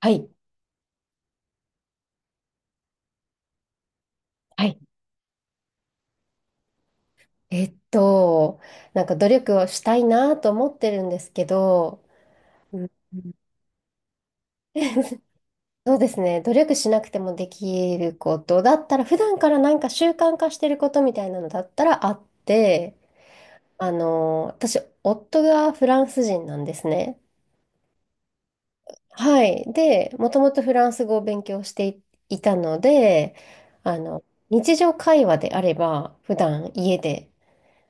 はい。はい。えっと、なんか努力をしたいなと思ってるんですけど、うん。 そうですね。努力しなくてもできることだったら、普段からなんか習慣化してることみたいなのだったらあって、私、夫がフランス人なんですね。はい。で、もともとフランス語を勉強していたので、あの、日常会話であれば、普段家で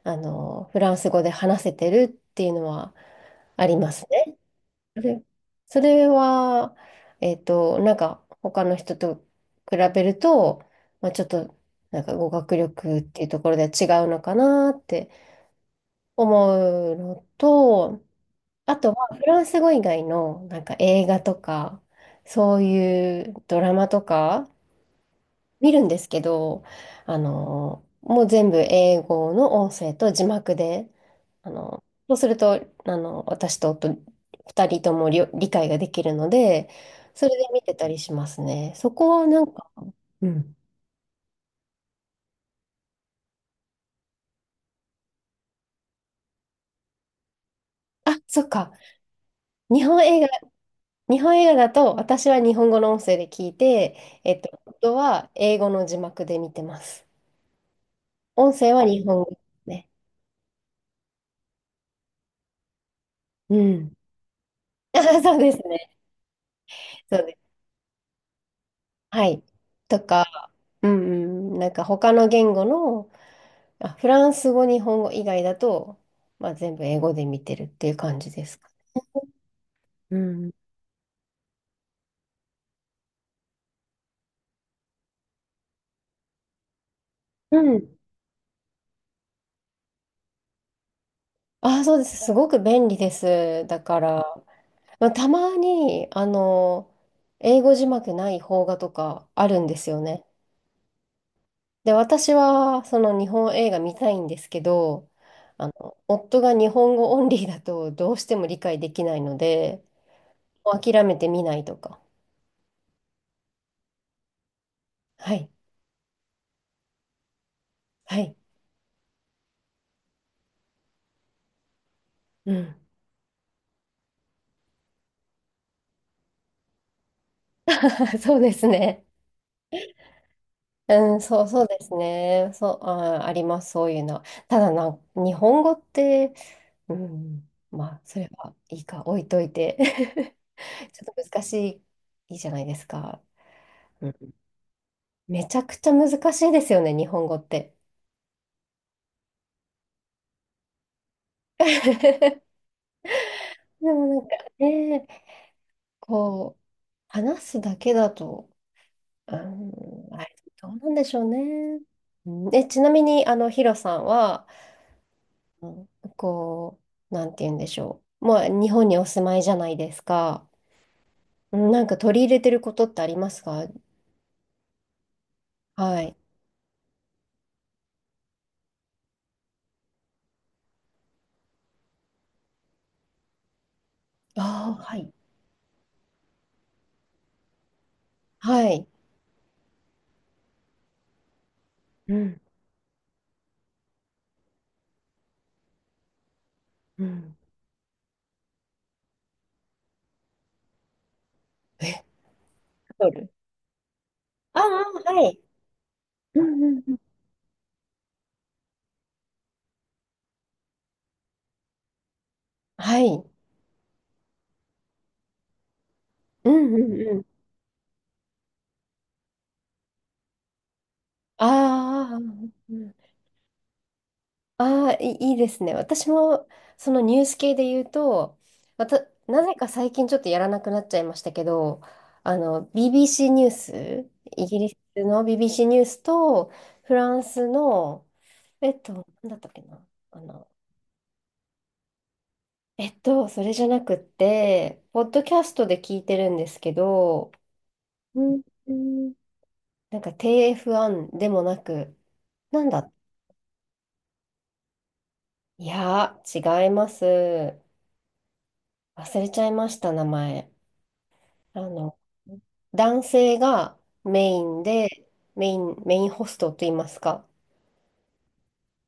フランス語で話せてるっていうのはありますね。それ、それは、なんか他の人と比べると、まあ、ちょっとなんか語学力っていうところで違うのかなって思うのと、あとはフランス語以外のなんか映画とか、そういうドラマとか、見るんですけど、もう全部英語の音声と字幕で、そうすると、私と夫、二人とも理解ができるので、それで見てたりしますね。そこはなんか、うん。あ、そっか。日本映画、日本映画だと、私は日本語の音声で聞いて、夫は英語の字幕で見てます。音声は日本語ですね。うん。あ、そうですね。そうです。はい。とか、うんうん、なんか他の言語の、あ、フランス語、日本語以外だと、まあ、全部英語で見てるっていう感じですか？うん。うん。あ、そうです。すごく便利です。だから、まあ、たまに、英語字幕ない邦画とかあるんですよね。で、私は、その日本映画見たいんですけど、夫が日本語オンリーだとどうしても理解できないので、もう諦めて見ないとか。はい。はい。うん。そうですね。うん、そうですね。そう、あります、そういうの。ただ、日本語って、うん、まあ、それはいいか、置いといて。ちょっと難しいじゃないですか。うん。めちゃくちゃ難しいですよね、日本語って。でもなんかね、こう、話すだけだと、うん、あれ、どうなんでしょうね。うん。ちなみに、ヒロさんは、うん、こう、なんて言うんでしょう。まあ、日本にお住まいじゃないですか。うん。なんか取り入れてることってありますか？はい。ああ、はい。はい。うん、うん。え、取る。ああ、はい。うん、うん、うん。はい。うんうんうん。ああ、うんうん。ああ、いいですね。私も、そのニュース系で言うと、また、なぜか最近ちょっとやらなくなっちゃいましたけど、BBC ニュース、イギリスの BBC ニュースと、フランスの、なんだったっけな、あの、それじゃなくって、ポッドキャストで聞いてるんですけど、うんうん、なんか t f ンでもなく、なんだ、いやー、違います。忘れちゃいました、名前。あの、男性がメインで、メインホストといいますか、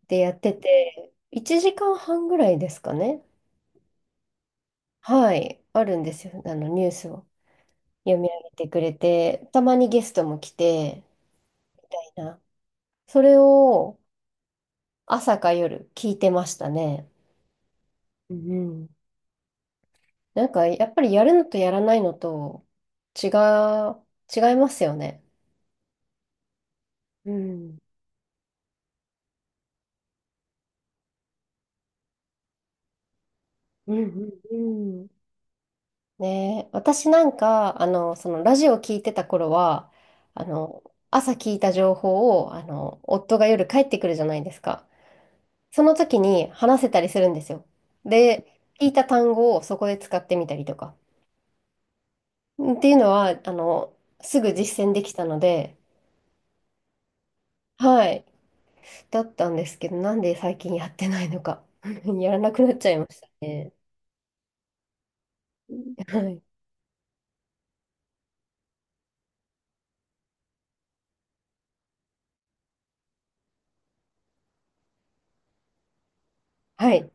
でやってて、1時間半ぐらいですかね。はい、あるんですよ。ニュースを読み上げてくれて、たまにゲストも来て、みたいな、それを朝か夜聞いてましたね。うん。なんか、やっぱりやるのとやらないのと違う、違いますよね。うん。うんうんうん。ね、私なんか、そのラジオ聞いてた頃は、あの、朝聞いた情報を、夫が夜帰ってくるじゃないですか。その時に話せたりするんですよ。で、聞いた単語をそこで使ってみたりとか。っていうのは、すぐ実践できたので、はい、だったんですけど、なんで最近やってないのか。やらなくなっちゃいました。はい。はい。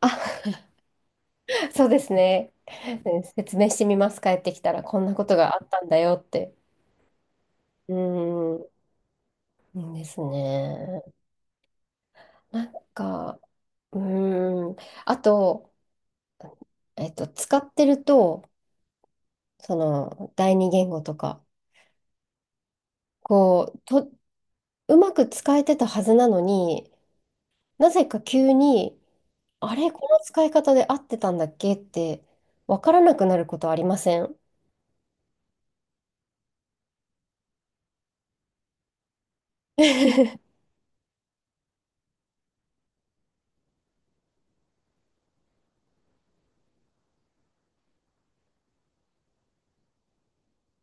あ、そうですね。説明してみます。帰ってきたらこんなことがあったんだよって。うーん、ですね。なんか、うーん。あと、使ってると、その、第二言語とか、こう、うまく使えてたはずなのに、なぜか急に、あれ、この使い方で合ってたんだっけって、わからなくなることありません？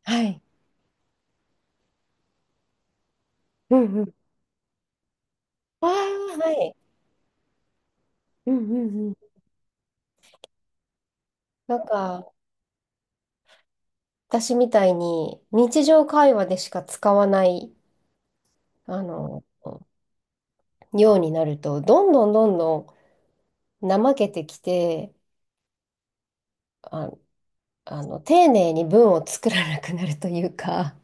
はい。うんうん。ああ、はい。うんうんうん。なんか、私みたいに、日常会話でしか使わない、あの、ようになると、どんどんどんどん怠けてきて、あ、丁寧に文を作らなくなるというか、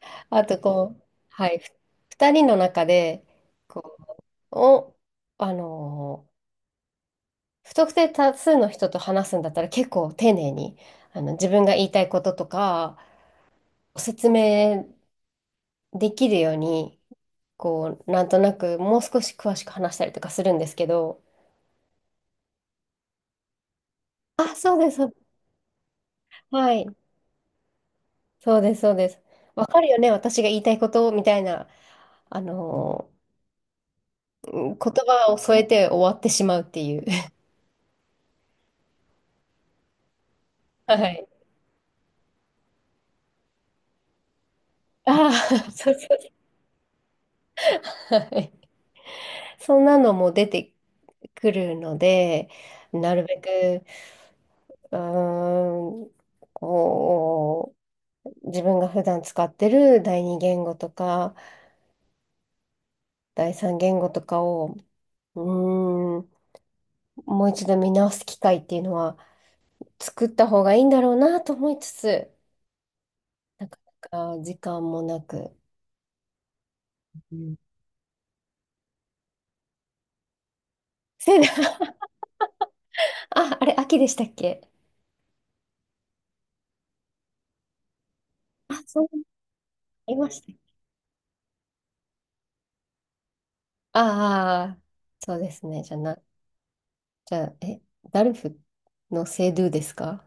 あとこう、はい、二人の中で、こう、お、あのー、不特定多数の人と話すんだったら結構丁寧に、自分が言いたいこととか、説明できるように、こう、なんとなくもう少し詳しく話したりとかするんですけど、あ、そうです。はい。そうです、そうです。わかるよね、私が言いたいことみたいな、あのー言葉を添えて終わってしまうっていう。はい。ああ、そうそうそう。はい。そんなのも出てくるので、なるべく、うーん、こう、自分が普段使ってる第二言語とか、第三言語とかを、うーん、もう一度見直す機会っていうのは作った方がいいんだろうなと思いつつ、なかなか時間もなく。うん。せな、あ、あれ、秋でしたっけ？あ、そう、いましたっけ。ああ、そうですね。じゃあ、ダルフのセドゥですか？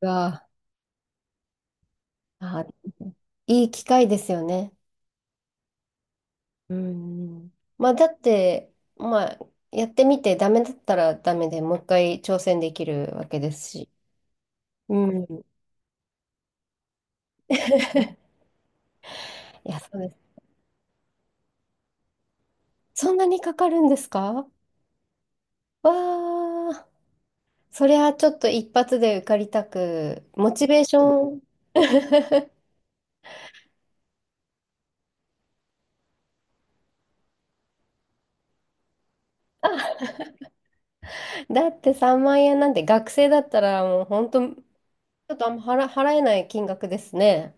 が、あー、いい機会ですよね。うん。まあ、だって、まあ、やってみてダメだったらダメでもう一回挑戦できるわけですし。うん。いや、そうです。そんなにかかるんですか？わー。それはちょっと一発で受かりたく、モチベーション。だって3万円なんて学生だったらもう本当、ちょっとあんま払えない金額ですね。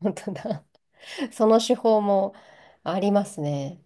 本当だ。その手法もありますね。